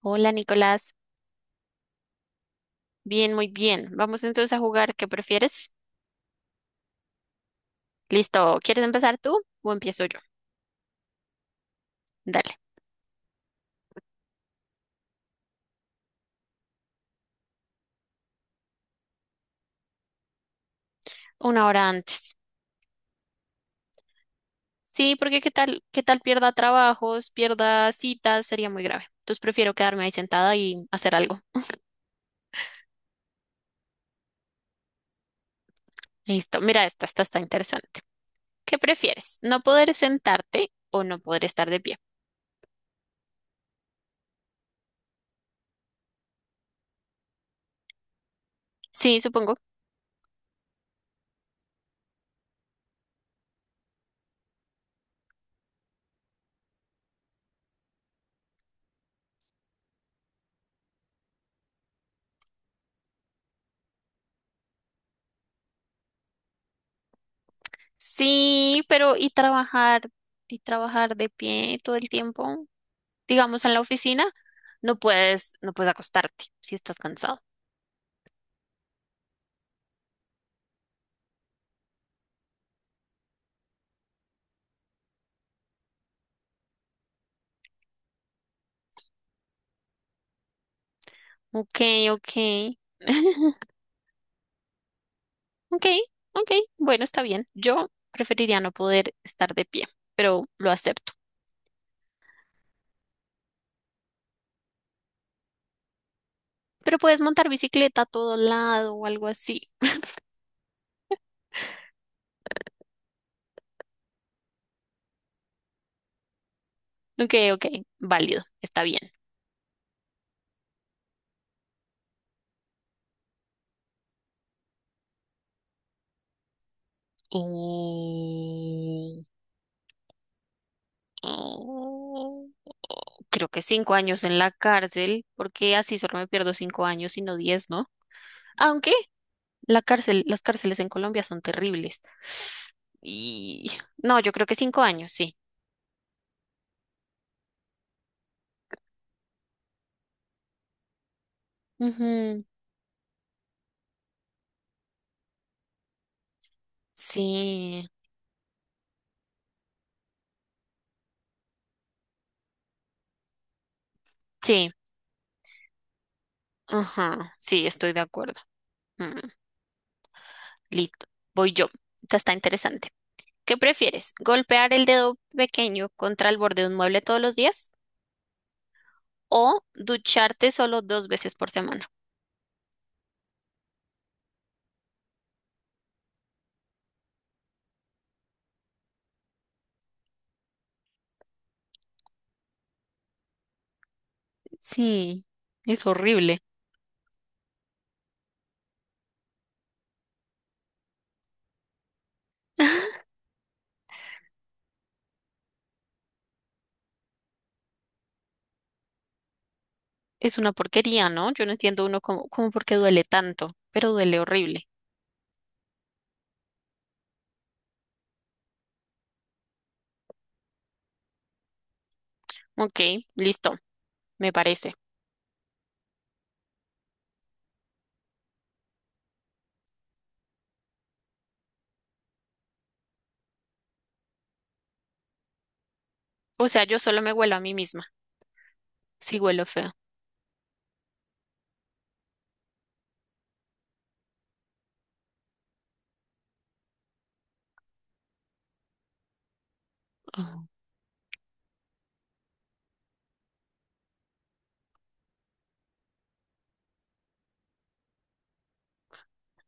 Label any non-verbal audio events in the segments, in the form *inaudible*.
Hola, Nicolás. Bien, muy bien. Vamos entonces a jugar, ¿qué prefieres? Listo, ¿quieres empezar tú o empiezo yo? Dale, una hora antes. Sí, porque qué tal pierda trabajos, pierda citas, sería muy grave. Entonces prefiero quedarme ahí sentada y hacer algo. Listo, mira esta está interesante. ¿Qué prefieres? ¿No poder sentarte o no poder estar de pie? Sí, supongo. Sí, pero ¿y trabajar? ¿Y trabajar de pie todo el tiempo? Digamos, en la oficina, no puedes acostarte si estás cansado. Ok, ok. *laughs* Ok, ok. Bueno, está bien. Yo preferiría no poder estar de pie, pero lo acepto. Pero puedes montar bicicleta a todo lado o algo así. Ok, ok. Válido. Está bien. Y- y- Creo que 5 años en la cárcel, porque así solo me pierdo 5 años y no 10, ¿no? Aunque la cárcel, las cárceles en Colombia son terribles. Y no, yo creo que 5 años, sí. Ujú, sí, sí, ajá, sí, estoy de acuerdo. Mm, listo, voy yo. Esta está interesante. ¿Qué prefieres? ¿Golpear el dedo pequeño contra el borde de un mueble todos los días o ducharte solo dos veces por semana? Sí, es horrible. Es una porquería, ¿no? Yo no entiendo uno cómo por qué duele tanto, pero duele horrible. Ok, listo, me parece. O sea, yo solo me huelo a mí misma, si huelo feo. Oh.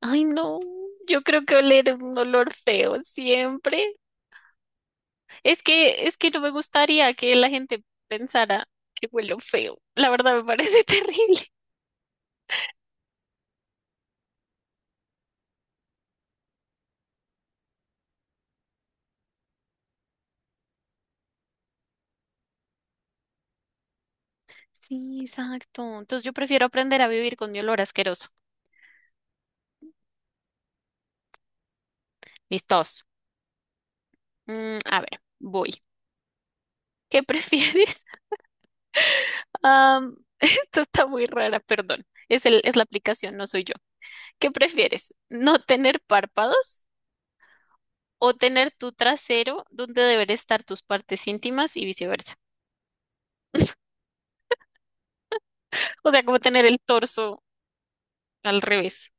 Ay, no, yo creo que oler un olor feo siempre. Es que no me gustaría que la gente pensara que huelo feo. La verdad me parece *laughs* terrible. Sí, exacto. Entonces yo prefiero aprender a vivir con mi olor asqueroso. Listos. Mm, a ver, voy. ¿Qué prefieres? *laughs* *laughs* Esto está muy rara, perdón. Es el, es la aplicación, no soy yo. ¿Qué prefieres? ¿No tener párpados o tener tu trasero donde deber estar tus partes íntimas y viceversa? O sea, como tener el torso al revés.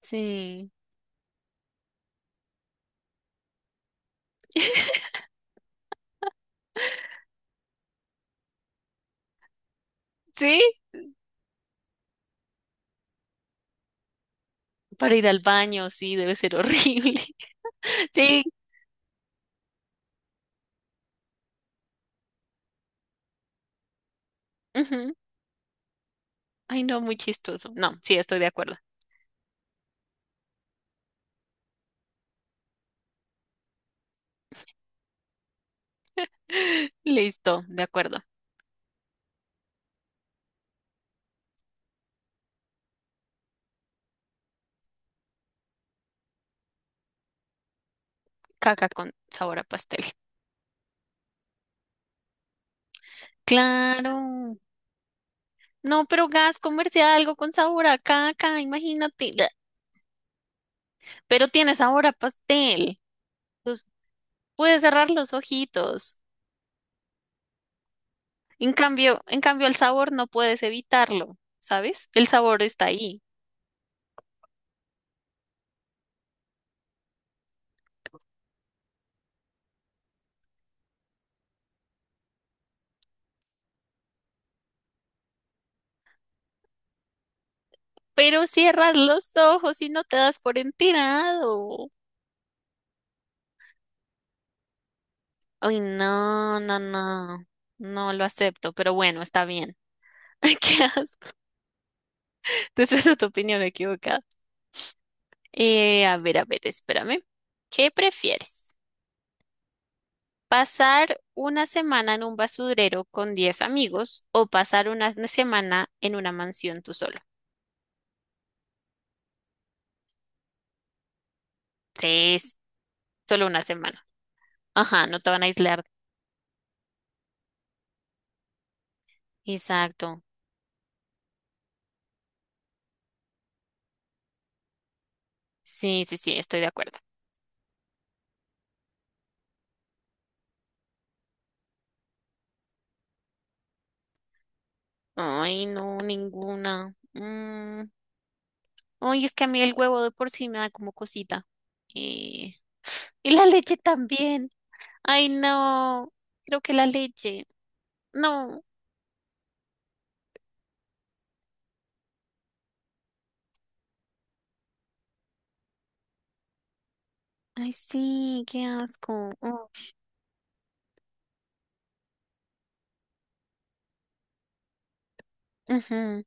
Sí, *laughs* sí, para ir al baño, sí, debe ser horrible. *laughs* Sí. Ujú. Ay, no, muy chistoso. No, sí, estoy de acuerdo. *laughs* Listo, de acuerdo. Caca con sabor a pastel. Claro. No, pero gas, comerse algo con sabor a caca, imagínate. Bla. Pero tiene sabor a pastel. Entonces, puedes cerrar los ojitos. En cambio, el sabor no puedes evitarlo, ¿sabes? El sabor está ahí. Pero cierras los ojos y no te das por enterado. Ay, no, no, no. No lo acepto, pero bueno, está bien. *laughs* Ay, qué asco. *laughs* Entonces esa es tu opinión equivocada. A ver, espérame. ¿Qué prefieres? ¿Pasar una semana en un basurero con 10 amigos o pasar una semana en una mansión tú solo? Tres, solo una semana. Ajá, no te van a aislar. Exacto. Sí, sí, sí, estoy de acuerdo. Ay, no, ninguna. Mm, ay, es que a mí el huevo de por sí me da como cosita. Eh, *gasps* Y la leche también. Ay, no. Creo que la leche. No. Ay, sí, qué asco. Oh, ujú,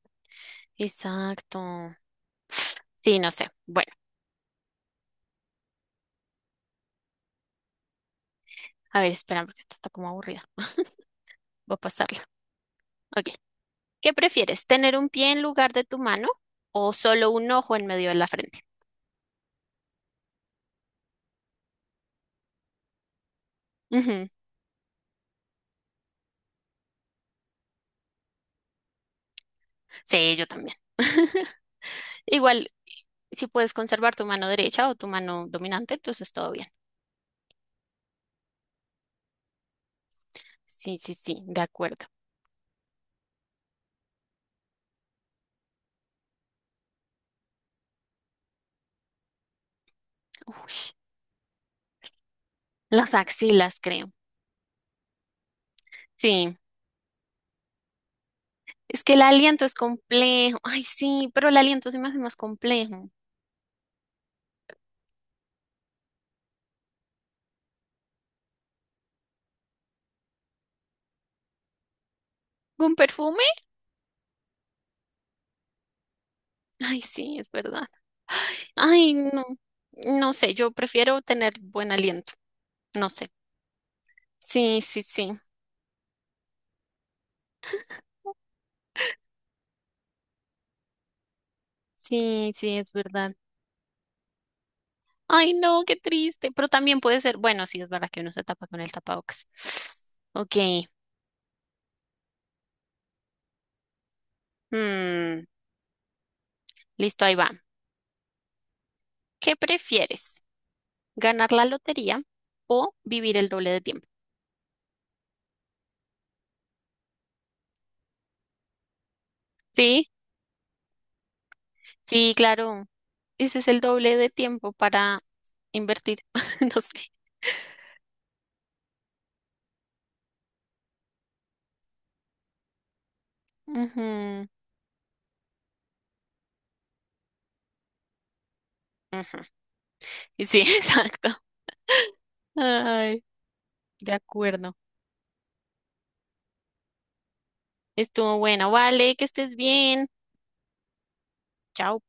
exacto. Sí, no sé. Bueno, a ver, espera, porque esta está como aburrida. *laughs* Voy a pasarla. Ok. ¿Qué prefieres? ¿Tener un pie en lugar de tu mano o solo un ojo en medio de la frente? Ujú. Sí, yo también. *laughs* Igual, si puedes conservar tu mano derecha o tu mano dominante, entonces todo bien. Sí, sí, sí, de acuerdo. Uy, las axilas, creo. Sí, es que el aliento es complejo. Ay, sí, pero el aliento se me hace más complejo. ¿Un perfume? Ay, sí, es verdad. Ay, no, no sé, yo prefiero tener buen aliento. No sé. Sí, sí, sí. Sí, sí, es verdad. Ay, no, qué triste. Pero también puede ser, bueno, sí, es verdad que uno se tapa con el tapabocas. *gasps* Ok. Mm, listo, ahí va. ¿Qué prefieres? ¿Ganar la lotería o vivir el doble de tiempo? Sí, sí, claro. Ese es el doble de tiempo para invertir. *laughs* No sé. Ujú, ujú. Y sí, *laughs* exacto. Ay, de acuerdo. Estuvo bueno. Vale, que estés bien. Chao.